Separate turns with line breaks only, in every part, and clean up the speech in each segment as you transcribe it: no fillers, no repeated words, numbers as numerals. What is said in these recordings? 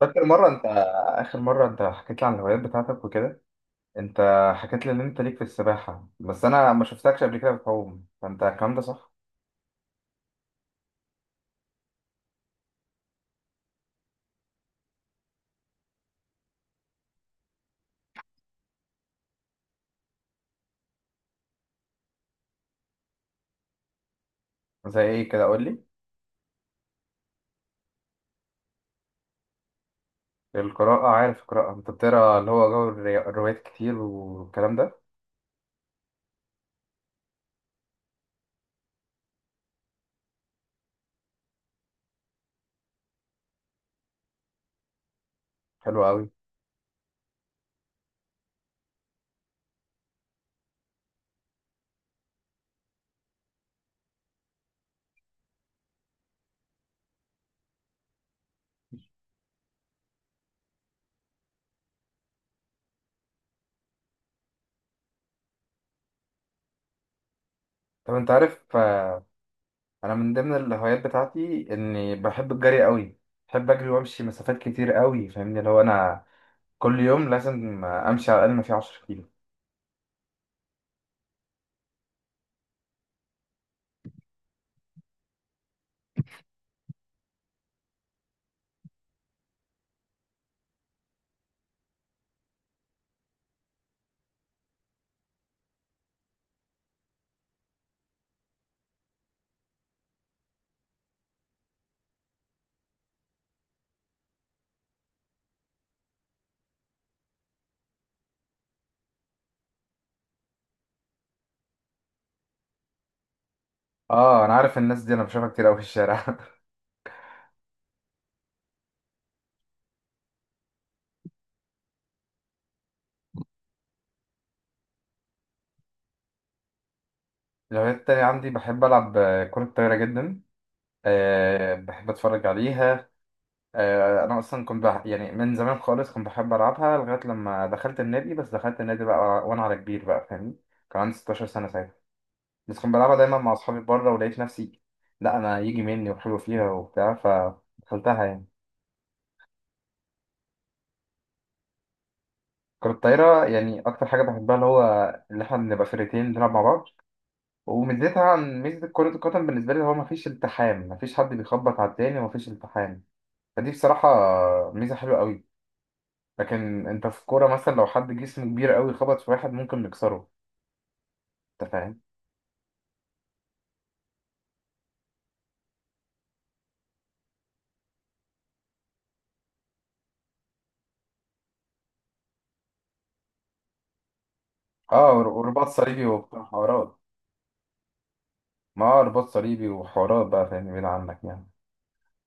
فاكر مرة أنت آخر مرة أنت حكيت لي عن الهوايات بتاعتك وكده أنت حكيت لي إن أنت ليك في السباحة، بس أنا ما شفتكش قبل كده بتعوم، فأنت الكلام ده صح؟ زي إيه كده، قول لي. القراءة، عارف القراءة، أنت بتقرا اللي هو جو الروايات كتير والكلام ده. حلو قوي. طب أنت عارف أنا من ضمن الهوايات بتاعتي إني بحب الجري قوي. بحب أجري وأمشي مسافات كتير قوي، فاهمني؟ اللي هو أنا كل يوم لازم أمشي على الأقل ما فيه 10 كيلو. اه، انا عارف، الناس دي انا بشوفها كتير قوي في الشارع الهوايات التانية عندي بحب ألعب كرة طايرة جدا. أه، بحب أتفرج عليها. أه، أنا أصلا كنت بح... يعني من زمان خالص كنت بحب ألعبها لغاية لما دخلت النادي، بس دخلت النادي بقى وأنا على كبير بقى، فاهمني؟ كان عندي 16 سنة ساعتها. بس كنت بلعبها دايما مع أصحابي بره ولقيت نفسي، لا أنا يجي مني وحلو فيها وبتاع، فدخلتها يعني. كرة الطايرة، يعني أكتر حاجة بحبها اللي هو اللي إحنا بنبقى فرقتين بنلعب مع بعض، وميزتها عن ميزة كرة القدم بالنسبة لي هو مفيش التحام، مفيش حد بيخبط على التاني ومفيش التحام. فدي بصراحة ميزة حلوة قوي. لكن انت في الكورة مثلا لو حد جسمه كبير قوي خبط في واحد ممكن يكسره. انت فاهم؟ اه اه، ورباط صليبي وبتاع حوارات. ما هو رباط صليبي وحوارات بقى، فاهم، بعيد عنك يعني.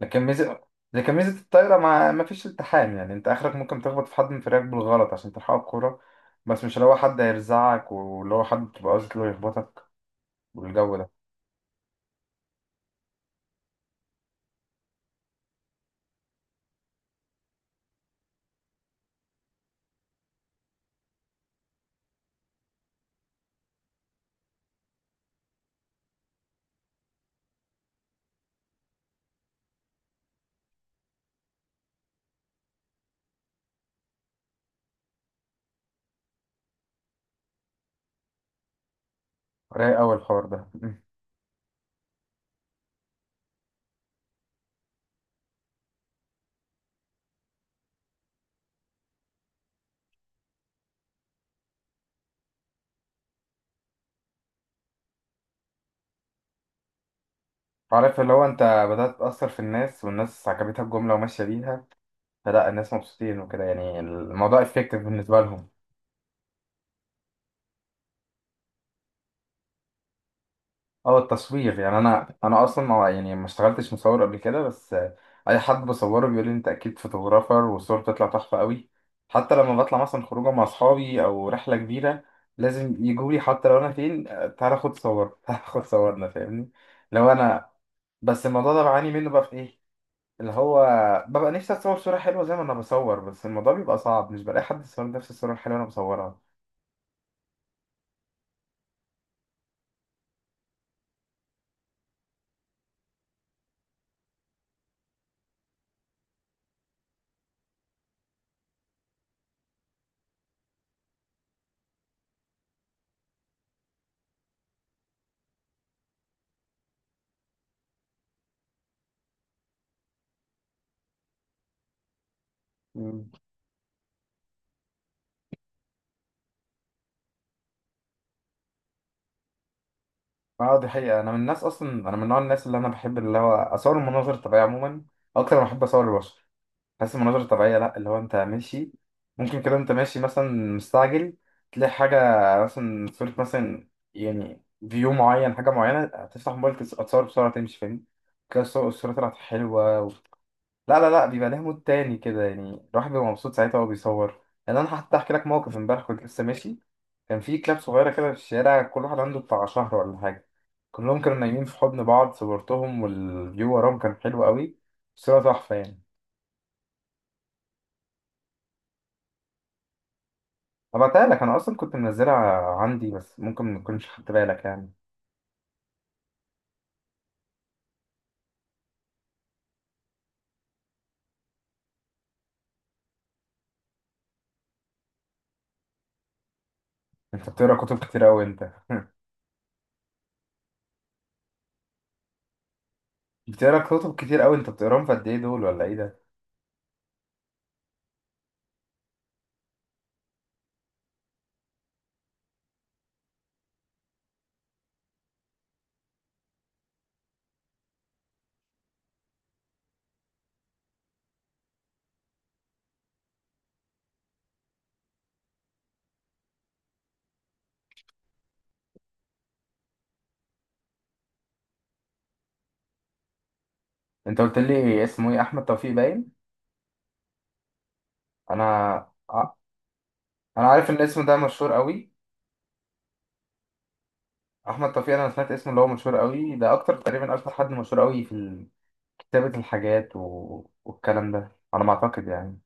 لكن ميزة لكن ميزة الطايرة ما... ما فيش التحام. يعني انت اخرك ممكن تخبط في حد من فريقك بالغلط عشان تلحقه الكورة، بس مش اللي هو حد هيرزعك واللي هو حد تبقى قصدك اللي هو يخبطك والجو ده. رايق قوي الحوار ده عارف اللي هو انت بدأت تأثر في الناس والناس عجبتها الجملة وماشية بيها، فلا الناس مبسوطين وكده، يعني الموضوع افكتيف بالنسبه لهم. اه، التصوير. يعني انا انا اصلا ما، يعني ما اشتغلتش مصور قبل كده، بس اي حد بصوره بيقول لي انت اكيد فوتوغرافر والصور بتطلع تحفه قوي. حتى لما بطلع مثلا خروجه مع اصحابي او رحله كبيره لازم يجوا لي حتى لو انا فين، تعالى خد صور تعالى خد صورنا، فاهمني؟ لو انا، بس الموضوع ده بعاني منه بقى في ايه، اللي هو ببقى نفسي اتصور صوره حلوه زي ما انا بصور، بس الموضوع بيبقى صعب، مش بلاقي حد يصور نفس الصوره الحلوه اللي انا بصورها. اه دي حقيقة، أنا من الناس، أصلا أنا من نوع الناس اللي أنا بحب اللي هو أصور المناظر الطبيعية عموما أكتر ما بحب أصور البشر. بحس المناظر الطبيعية لأ، اللي هو أنت ماشي، ممكن كده أنت ماشي مثلا مستعجل تلاقي حاجة، مثلا صورة مثلا، يعني فيو معين، حاجة معينة، تفتح موبايلك تصور بسرعة تمشي، فاهم؟ كده الصورة طلعت حلوة. لا لا لا، بيبقى ليه مود تاني كده، يعني الواحد بيبقى مبسوط ساعتها وهو بيصور. يعني انا حتى احكي لك موقف امبارح، كنت لسه ماشي، كان في كلاب صغيره كده في الشارع، كل واحد عنده بتاع شهر ولا حاجه، كلهم كانوا نايمين في حضن بعض، صورتهم والفيو وراهم كان حلو قوي. صورة تحفه يعني. هبعتها لك، انا اصلا كنت منزلها عندي، بس ممكن ما تكونش خدت بالك يعني. انت بتقرا كتب كتير قوي انت بتقرا كتب كتير قوي انت، بتقراهم في قد ايه دول ولا ايه ده؟ انت قلت لي اسمه ايه؟ احمد توفيق باين. انا، ع-، انا عارف ان الاسم ده مشهور قوي. احمد توفيق، انا سمعت اسمه، اللي هو مشهور قوي ده، اكتر تقريبا اكتر حد مشهور قوي في كتابة الحاجات و... والكلام ده على ما اعتقد يعني.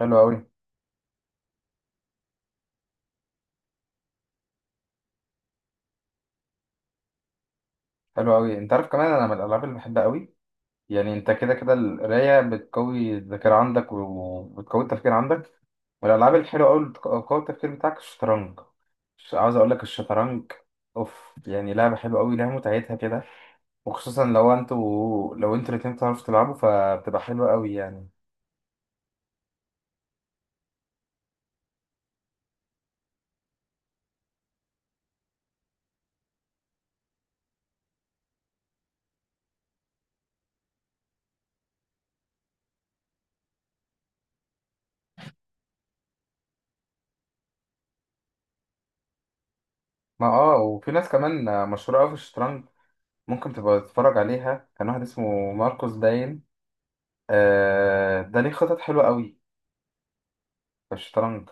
حلو قوي. حلو قوي. انت عارف كمان انا من الالعاب اللي بحبها قوي؟ يعني انت كده كده القراية بتقوي الذاكرة عندك وبتقوي التفكير عندك. والالعاب الحلوة قوي اللي بتقوي التفكير بتاعك الشطرنج. مش عاوز اقول لك الشطرنج اوف، يعني لعبة حلوة قوي، لها متعتها كده. وخصوصا لو انتوا، لو انتوا الاتنين بتعرفوا تلعبوا، فبتبقى حلوة قوي يعني. ما اه، وفي ناس كمان مشهورة أوي في الشطرنج ممكن تبقى تتفرج عليها. كان واحد اسمه ماركوس باين، آه ده ليه خطط حلوة أوي في الشطرنج.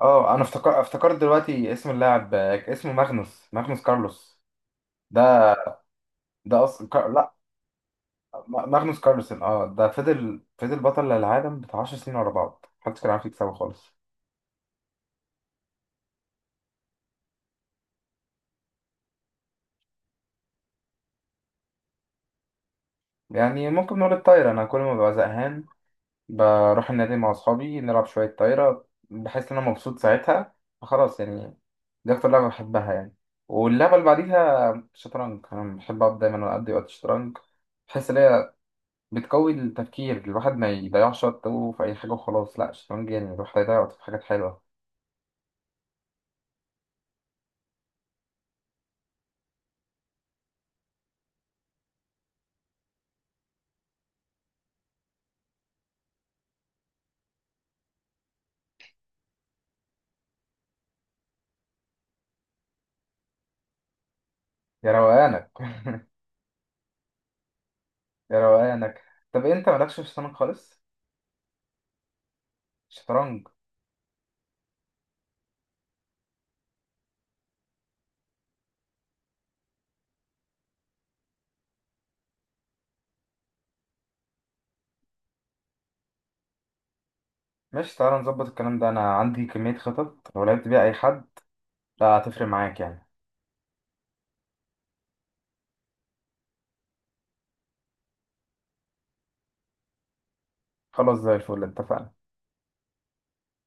اه أنا افتكر، افتكرت دلوقتي اسم اللاعب، اسمه ماغنوس، ماغنوس كارلوس. ده ده أصلا كار... لا، ماغنوس كارلسن، اه ده فضل، فضل بطل العالم بتاع 10 سنين ورا بعض، محدش كان عارف يكسبه خالص. يعني ممكن نقول الطاير. أنا كل ما ببقى زهقان بروح النادي مع أصحابي نلعب شوية طايرة، بحس إن أنا مبسوط ساعتها، فخلاص يعني. دي أكتر لعبة بحبها يعني. واللعبة اللي بعديها شطرنج، أنا بحب أقعد دايما أقضي وقت شطرنج. بحس إن هي بتقوي التفكير، الواحد ما يضيعش وقته في أي حاجة وخلاص، لأ الشطرنج يعني الواحد هيضيع وقته في حاجات حلوة. يا روقانك يا روقانك. طب أنت مالكش في الشطرنج خالص؟ شطرنج. ماشي تعالى نظبط الكلام ده، أنا عندي كمية خطط لو لعبت بيها أي حد لا هتفرق معاك يعني. خلاص زي الفل اتفقنا.